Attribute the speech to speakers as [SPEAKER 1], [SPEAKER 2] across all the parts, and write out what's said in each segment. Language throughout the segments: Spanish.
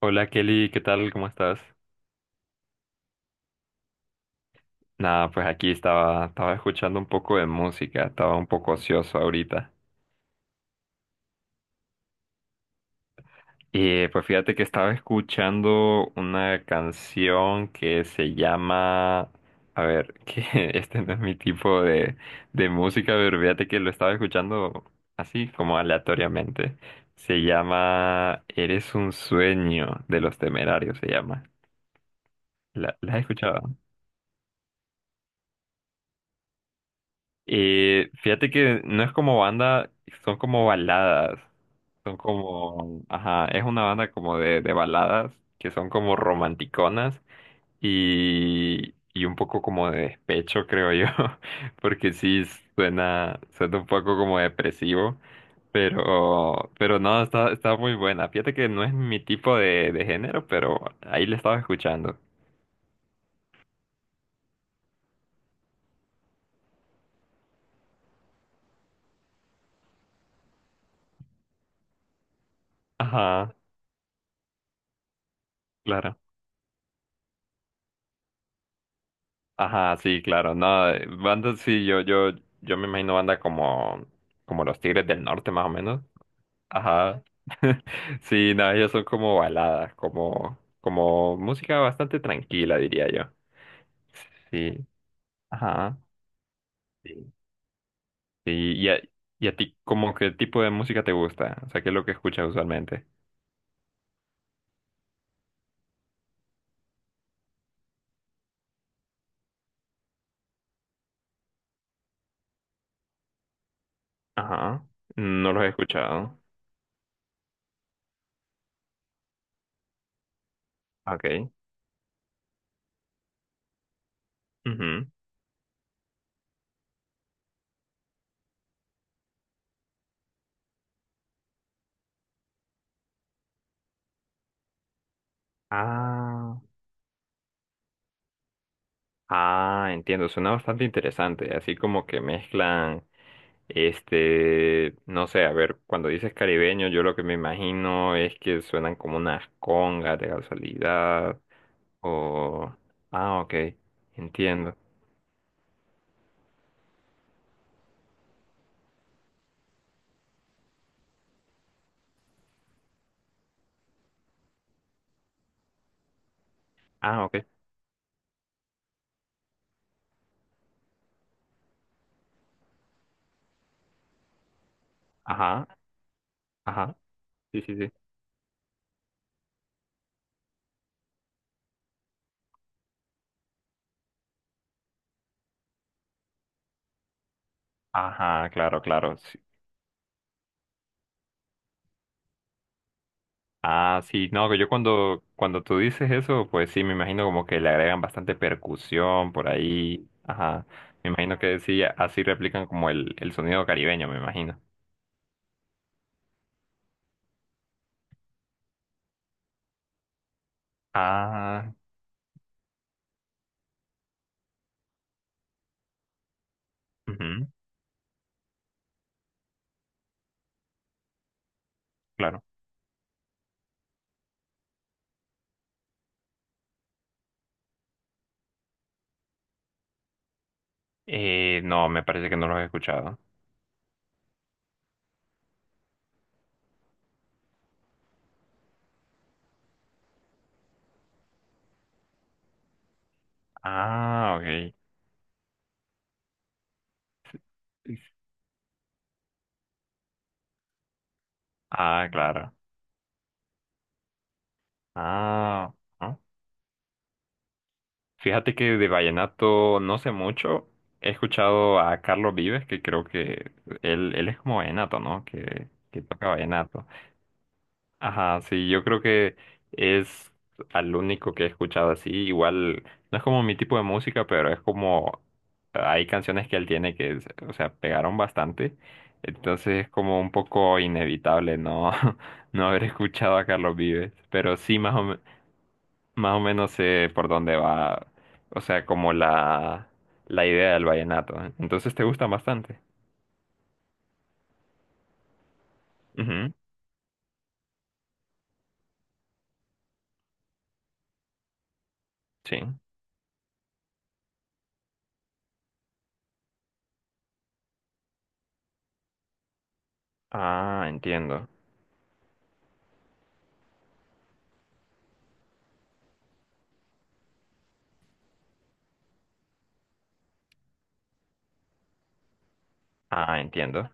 [SPEAKER 1] Hola Kelly, ¿qué tal? ¿Cómo estás? Nada, pues aquí estaba escuchando un poco de música, estaba un poco ocioso ahorita. Y pues fíjate que estaba escuchando una canción que se llama... A ver, que este no es mi tipo de, música, pero fíjate que lo estaba escuchando así como aleatoriamente. Se llama Eres un sueño de los Temerarios, se llama. ¿La has escuchado? Y fíjate que no es como banda, son como baladas. Son como, ajá, es una banda como de, baladas que son como romanticonas y, un poco como de despecho, creo yo. Porque sí suena un poco como depresivo, pero, no, está, muy buena. Fíjate que no es mi tipo de, género, pero ahí la estaba escuchando. Ajá, claro. Ajá, sí, claro. No, bandas sí, yo me imagino banda como, los Tigres del Norte, más o menos. Ajá. Sí, no, ellos son como baladas, como, música bastante tranquila, diría yo. Sí, ajá. Sí. Sí, y a, ti, ¿como qué tipo de música te gusta? O sea, ¿qué es lo que escuchas usualmente? Ajá. No los he escuchado. Okay. Ujú. Ah. Ah, entiendo. Suena bastante interesante. Así como que mezclan. Este, no sé, a ver, cuando dices caribeño, yo lo que me imagino es que suenan como unas congas de casualidad o... Ah, ok, entiendo. Ah, ok, ajá, ajá, sí, sí, sí. Ajá, claro, claro, sí. Ah, sí, no, que yo cuando, tú dices eso, pues sí, me imagino como que le agregan bastante percusión por ahí. Ajá, me imagino que sí, así replican como el, sonido caribeño, me imagino. Ah, ujú, claro. No, me parece que no los he escuchado. Ah, ok. Ah, claro. Ah, ah. Fíjate que de vallenato no sé mucho. He escuchado a Carlos Vives, que creo que él es como vallenato, ¿no? Que, toca vallenato. Ajá, sí, yo creo que es al único que he escuchado así. Igual, no es como mi tipo de música, pero es como hay canciones que él tiene que, o sea, pegaron bastante. Entonces es como un poco inevitable no, no haber escuchado a Carlos Vives. Pero sí, más o menos sé por dónde va, o sea, como la, idea del vallenato. ¿Eh? Entonces te gusta bastante. Ujú, sí. Ah, entiendo. Ah, entiendo.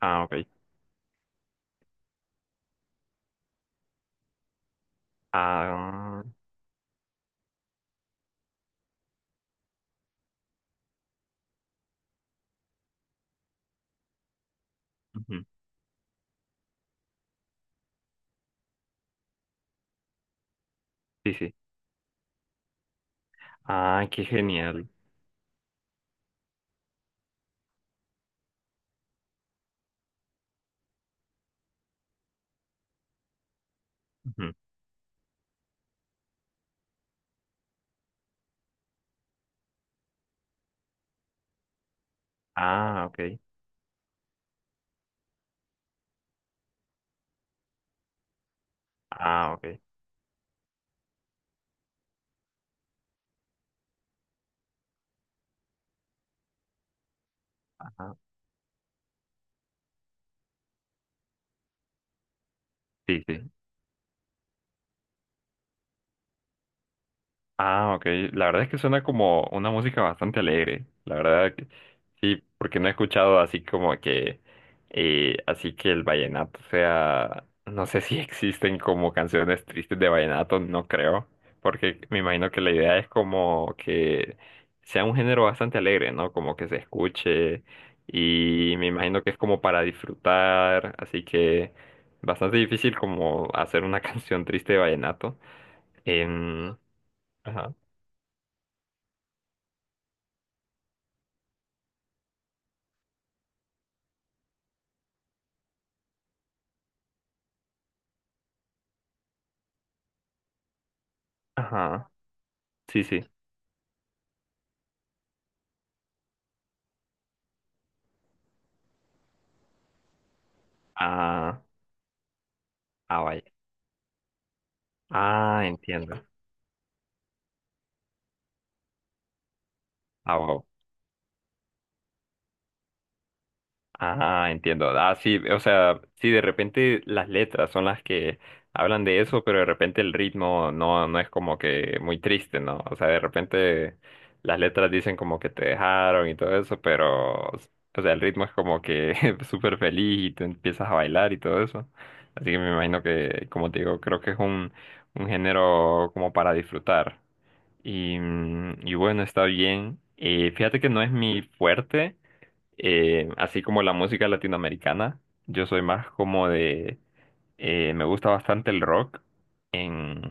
[SPEAKER 1] Ah, ok. Ah, ujú, sí, sí. Ah, qué genial. Ujú. Ah, ok. Ah, ok. Ajá. Sí, sí. Ah, ok. La verdad es que suena como una música bastante alegre. La verdad que sí, porque no he escuchado así como que, así que el vallenato sea, no sé si existen como canciones tristes de vallenato, no creo, porque me imagino que la idea es como que sea un género bastante alegre, ¿no? Como que se escuche y me imagino que es como para disfrutar, así que bastante difícil como hacer una canción triste de vallenato. Em, ajá. Ajá, sí, sí. Ah, ah, vaya. Ah, entiendo. Ah, wow. Ah, entiendo. Ah, sí, o sea, sí, de repente las letras son las que hablan de eso, pero de repente el ritmo no es como que muy triste, ¿no? O sea, de repente las letras dicen como que te dejaron y todo eso, pero, o sea, el ritmo es como que súper feliz y tú empiezas a bailar y todo eso. Así que me imagino que, como te digo, creo que es un, género como para disfrutar. Y bueno, está bien. Fíjate que no es mi fuerte, así como la música latinoamericana. Yo soy más como de... me gusta bastante el rock. En,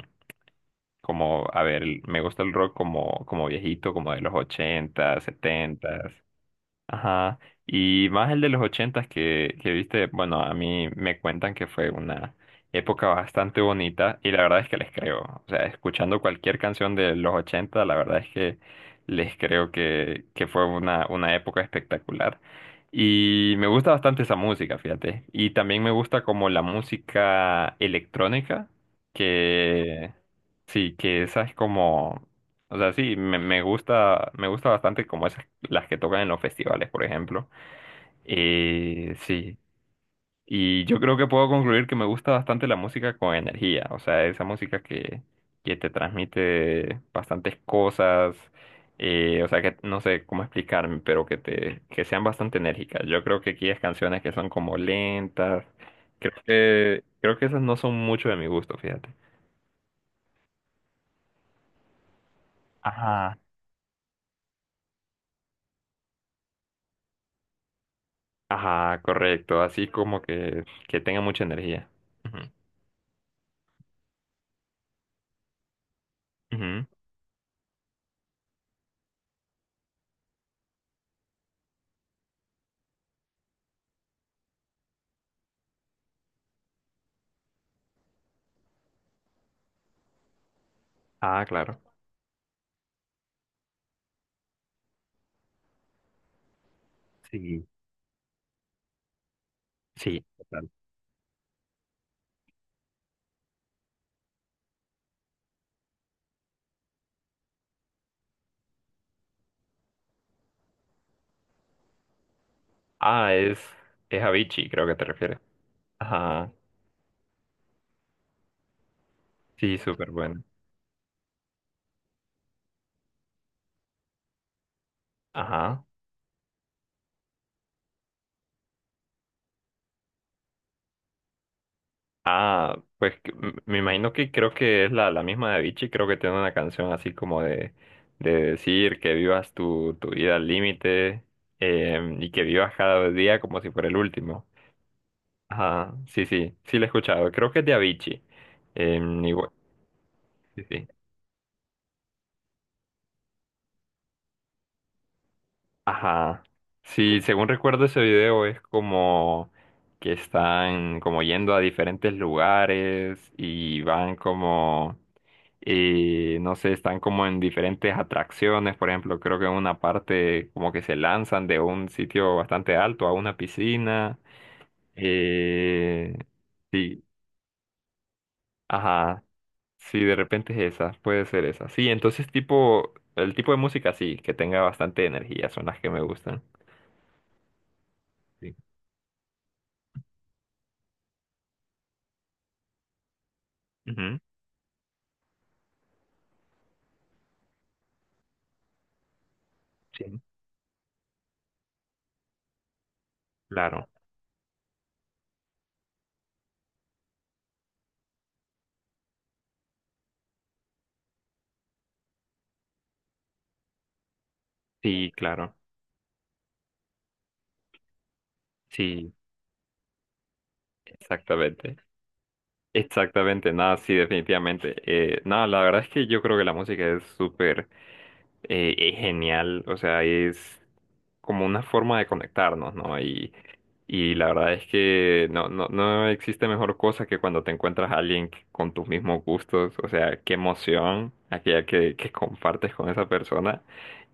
[SPEAKER 1] Como, a ver, me gusta el rock como, viejito, como de los 80, 70. Ajá. Y más el de los ochentas que, viste, bueno, a mí me cuentan que fue una época bastante bonita y la verdad es que les creo. O sea, escuchando cualquier canción de los ochenta, la verdad es que les creo que, fue una, época espectacular. Y me gusta bastante esa música, fíjate. Y también me gusta como la música electrónica, que sí, que esa es como... O sea, sí, me gusta bastante como esas, las que tocan en los festivales, por ejemplo. Sí. Y yo creo que puedo concluir que me gusta bastante la música con energía. O sea, esa música que, te transmite bastantes cosas. O sea, que no sé cómo explicarme, pero que que sean bastante enérgicas. Yo creo que aquí hay canciones que son como lentas. Creo que esas no son mucho de mi gusto, fíjate. Ajá, ajá, correcto. Así como que, tenga mucha energía. Ujú, ujú. Ah, claro. Sí, sí, total. Ah, es Avicii, creo que te refieres. Ajá, sí, súper bueno. Ajá. Ah, pues me imagino que creo que es la, misma de Avicii. Creo que tiene una canción así como de, decir que vivas tu, vida al límite. Y que vivas cada día como si fuera el último. Ajá, sí, sí, sí, la he escuchado. Creo que es de Avicii. Igual, sí, sí. Ajá. Sí, según recuerdo ese video es como que están como yendo a diferentes lugares y van como, no sé, están como en diferentes atracciones, por ejemplo, creo que en una parte como que se lanzan de un sitio bastante alto a una piscina. Eh, sí, ajá. Sí, de repente es esa, puede ser esa. Sí, entonces tipo, el tipo de música sí, que tenga bastante energía, son las que me gustan. Sí. Ujú. Sí, claro, sí, claro, sí, exactamente, exactamente, nada, sí, definitivamente. Nada, la verdad es que yo creo que la música es súper... es genial, o sea, es como una forma de conectarnos, ¿no? Y, la verdad es que no existe mejor cosa que cuando te encuentras a alguien con tus mismos gustos, o sea, qué emoción aquella que, compartes con esa persona.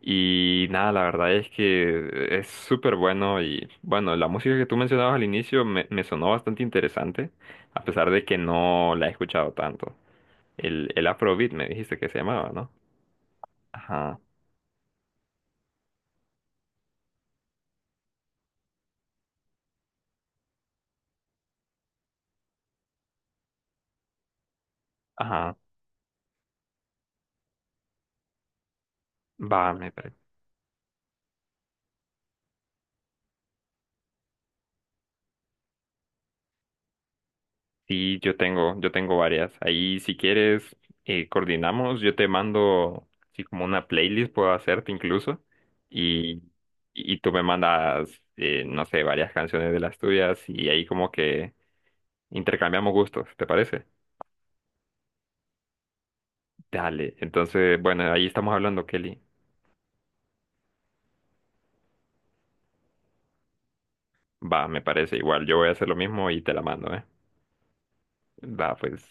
[SPEAKER 1] Y nada, la verdad es que es súper bueno y bueno, la música que tú mencionabas al inicio me sonó bastante interesante, a pesar de que no la he escuchado tanto. El, Afrobeat me dijiste que se llamaba, ¿no? Ajá. Ajá. Va, me parece. Sí, yo tengo varias. Ahí, si quieres, coordinamos. Yo te mando, así como una playlist puedo hacerte incluso. Y, tú me mandas, no sé, varias canciones de las tuyas y ahí como que intercambiamos gustos, ¿te parece? Dale. Entonces, bueno, ahí estamos hablando, Kelly. Va, me parece igual. Yo voy a hacer lo mismo y te la mando, ¿eh? Va, pues.